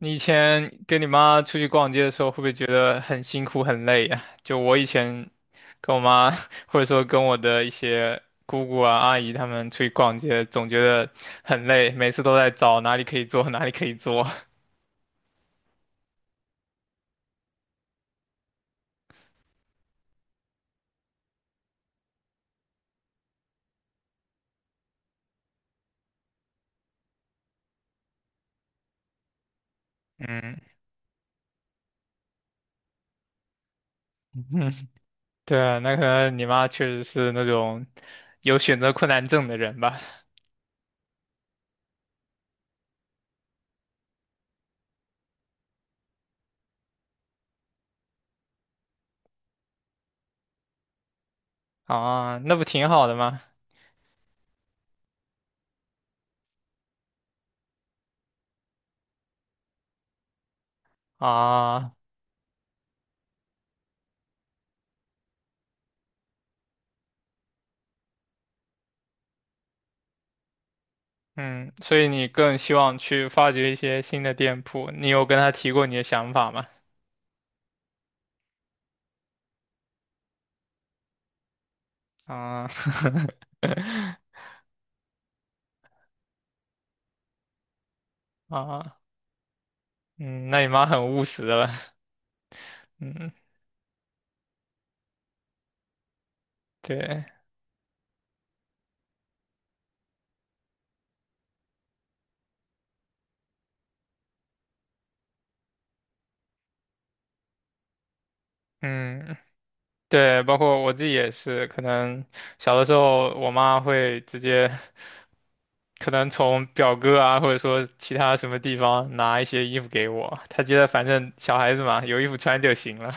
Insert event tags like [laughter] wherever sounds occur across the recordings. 你以前跟你妈出去逛街的时候，会不会觉得很辛苦很累呀？就我以前跟我妈，[laughs] 或者说跟我的一些姑姑啊、阿姨她们出去逛街，总觉得很累，每次都在找哪里可以坐，哪里可以坐。嗯。[laughs] 对啊，那可能你妈确实是那种有选择困难症的人吧？啊，那不挺好的吗？啊，嗯，所以你更希望去发掘一些新的店铺，你有跟她提过你的想法吗？啊，[laughs] 啊，嗯，那你妈很务实了。嗯，对。嗯，对，包括我自己也是，可能小的时候我妈会直接，可能从表哥啊，或者说其他什么地方拿一些衣服给我，她觉得反正小孩子嘛，有衣服穿就行了。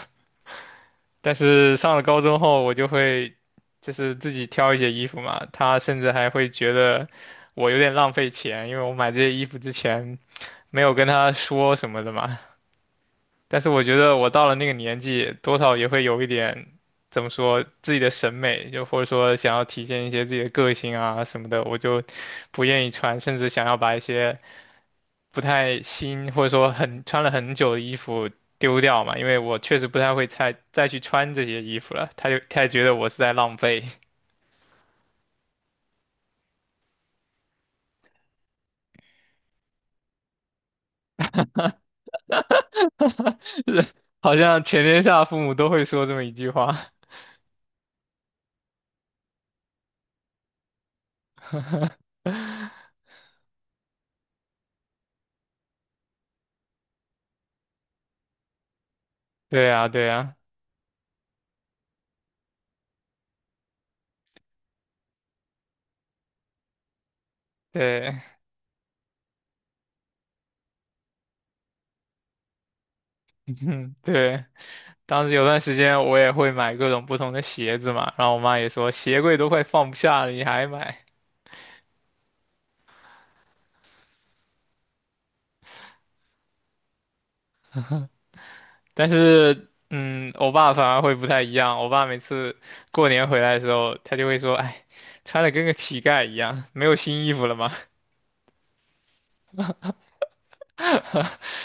但是上了高中后，我就会就是自己挑一些衣服嘛，她甚至还会觉得我有点浪费钱，因为我买这些衣服之前。没有跟他说什么的嘛。但是我觉得我到了那个年纪，多少也会有一点，怎么说，自己的审美，就或者说想要体现一些自己的个性啊什么的，我就不愿意穿，甚至想要把一些不太新或者说很穿了很久的衣服丢掉嘛，因为我确实不太会再去穿这些衣服了，他也觉得我是在浪费。[laughs] 好像全天下父母都会说这么一句话。[laughs] 对啊，对啊，对。[laughs] 对。当时有段时间我也会买各种不同的鞋子嘛，然后我妈也说鞋柜都快放不下了，你还买？但是，嗯，我爸反而会不太一样，我爸每次过年回来的时候，他就会说，哎，穿的跟个乞丐一样，没有新衣服了吗？[laughs]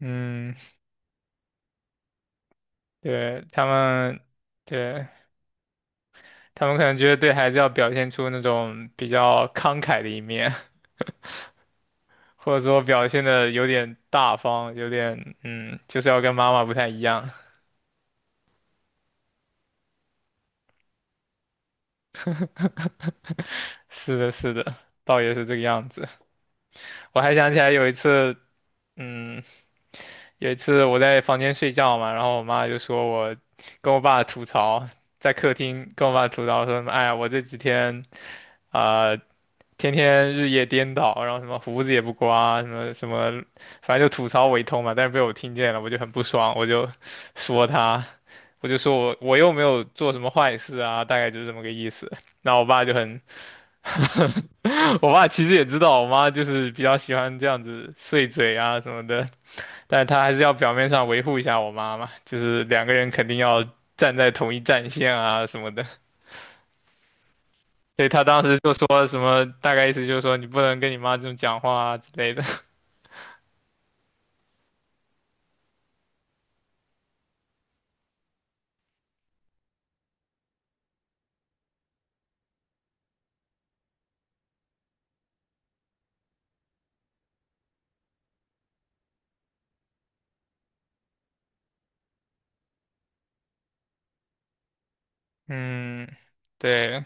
嗯，对，他们，对，他们可能觉得对孩子要表现出那种比较慷慨的一面，[laughs] 或者说表现的有点大方，有点，嗯，就是要跟妈妈不太一样。[laughs] 是的，是的，倒也是这个样子。我还想起来有一次，嗯，有一次我在房间睡觉嘛，然后我妈就说我跟我爸吐槽，在客厅跟我爸吐槽说什么，哎呀，我这几天啊、呃天天日夜颠倒，然后什么胡子也不刮，什么什么，反正就吐槽我一通嘛。但是被我听见了，我就很不爽，我就说他，我就说我又没有做什么坏事啊，大概就是这么个意思。那我爸就很 [laughs] 我爸其实也知道我妈就是比较喜欢这样子碎嘴啊什么的，但是他还是要表面上维护一下我妈嘛，就是两个人肯定要站在同一战线啊什么的，所以他当时就说什么，大概意思就是说你不能跟你妈这么讲话啊之类的。[laughs] 嗯，对，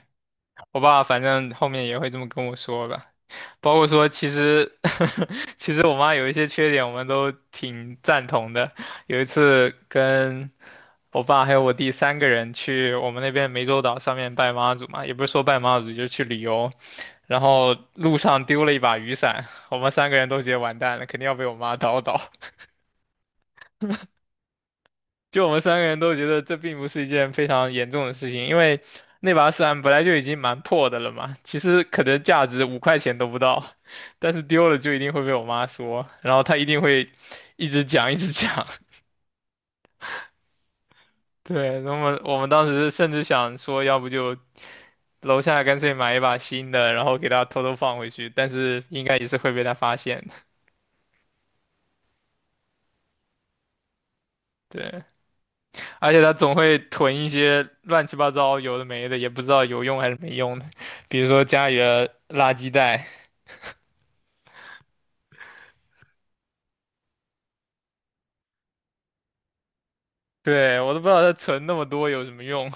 我爸反正后面也会这么跟我说吧。包括说，其实 [laughs] 其实我妈有一些缺点，我们都挺赞同的。有一次跟我爸还有我弟三个人去我们那边湄洲岛上面拜妈祖嘛，也不是说拜妈祖，就是去旅游。然后路上丢了一把雨伞，我们三个人都觉得完蛋了，肯定要被我妈叨叨。就我们三个人都觉得这并不是一件非常严重的事情，因为那把伞本来就已经蛮破的了嘛，其实可能价值五块钱都不到，[laughs] 但是丢了就一定会被我妈说，然后她一定会一直讲一直讲。[laughs] 对，那么我们当时甚至想说，要不就楼下干脆买一把新的，然后给她偷偷放回去，但是应该也是会被她发现的。对，而且她总会囤一些乱七八糟有的没的，也不知道有用还是没用的，比如说家里的垃圾袋。[laughs] 对，我都不知道它存那么多有什么用。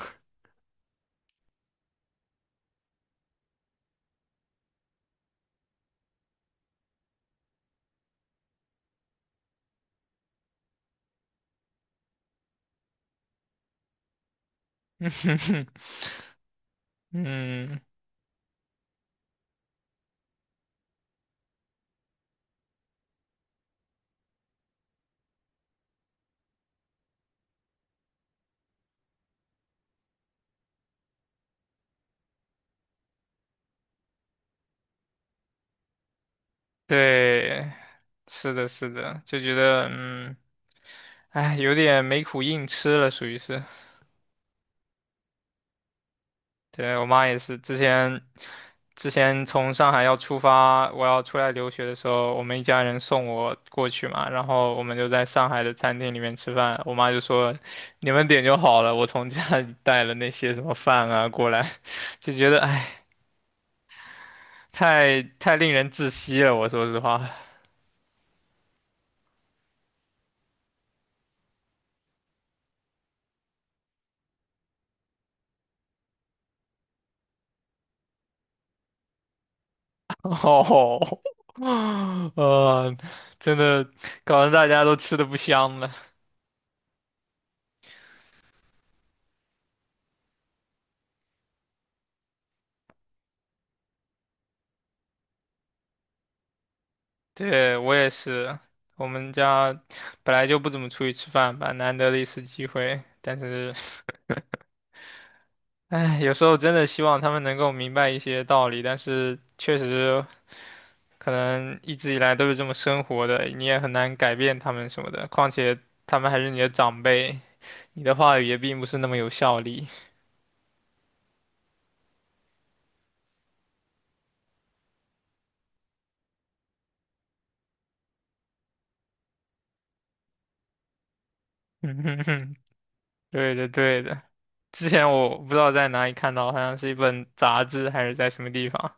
[laughs] 嗯，对，是的，是的，就觉得嗯，哎，有点没苦硬吃了，属于是。对，我妈也是，之前从上海要出发，我要出来留学的时候，我们一家人送我过去嘛，然后我们就在上海的餐厅里面吃饭，我妈就说你们点就好了，我从家里带了那些什么饭啊过来，[laughs] 就觉得哎，唉太令人窒息了，我说实话。哦，[laughs] 呃，真的搞得大家都吃的不香了。对，我也是，我们家本来就不怎么出去吃饭吧，难得的一次机会。但是，唉，有时候真的希望他们能够明白一些道理，但是确实可能一直以来都是这么生活的，你也很难改变他们什么的。况且他们还是你的长辈，你的话语也并不是那么有效力。[laughs] 嗯哼哼，对的，对的。之前我不知道在哪里看到，好像是一本杂志还是在什么地方，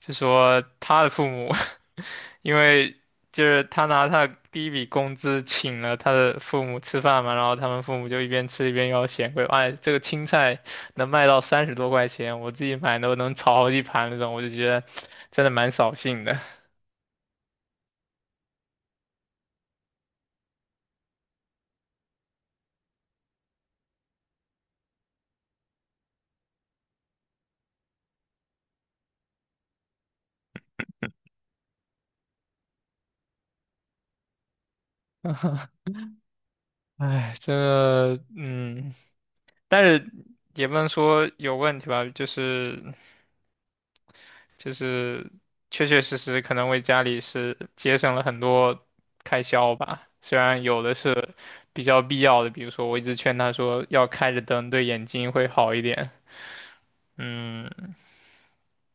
就说他的父母，[laughs] 因为就是他拿他的第一笔工资请了他的父母吃饭嘛，然后他们父母就一边吃一边要嫌贵，哎，这个青菜能卖到三十多块钱，我自己买都能炒好几盘那种，我就觉得真的蛮扫兴的。[laughs] 哎，这个嗯，但是也不能说有问题吧，就是。就是确确实实可能为家里是节省了很多开销吧。虽然有的是比较必要的，比如说我一直劝他说要开着灯，对眼睛会好一点。嗯，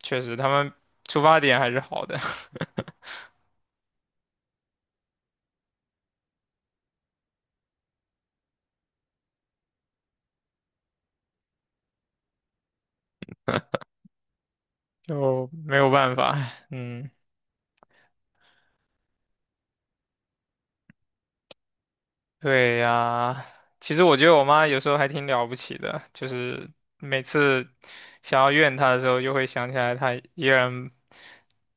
确实他们出发点还是好的，[laughs] 就没有办法。嗯。对呀，其实我觉得我妈有时候还挺了不起的，就是每次想要怨她的时候，又会想起来她依然人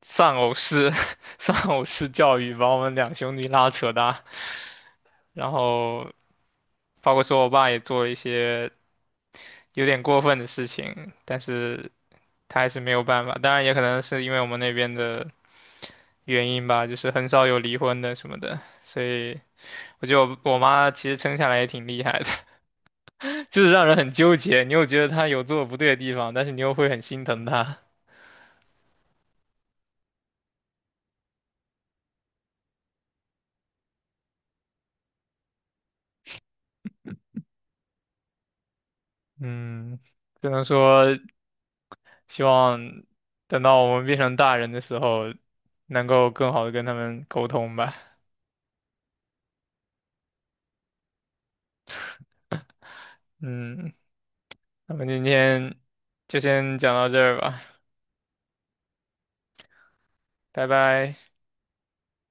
丧偶式 [laughs] 丧偶式教育把我们两兄弟拉扯大，然后包括说我爸也做了一些有点过分的事情，但是他还是没有办法。当然也可能是因为我们那边的原因吧，就是很少有离婚的什么的，所以我觉得我妈其实撑下来也挺厉害的。就是让人很纠结。你又觉得他有做的不对的地方，但是你又会很心疼他。嗯，只能说希望等到我们变成大人的时候，能够更好的跟他们沟通吧。嗯，那么今天就先讲到这儿吧，拜拜。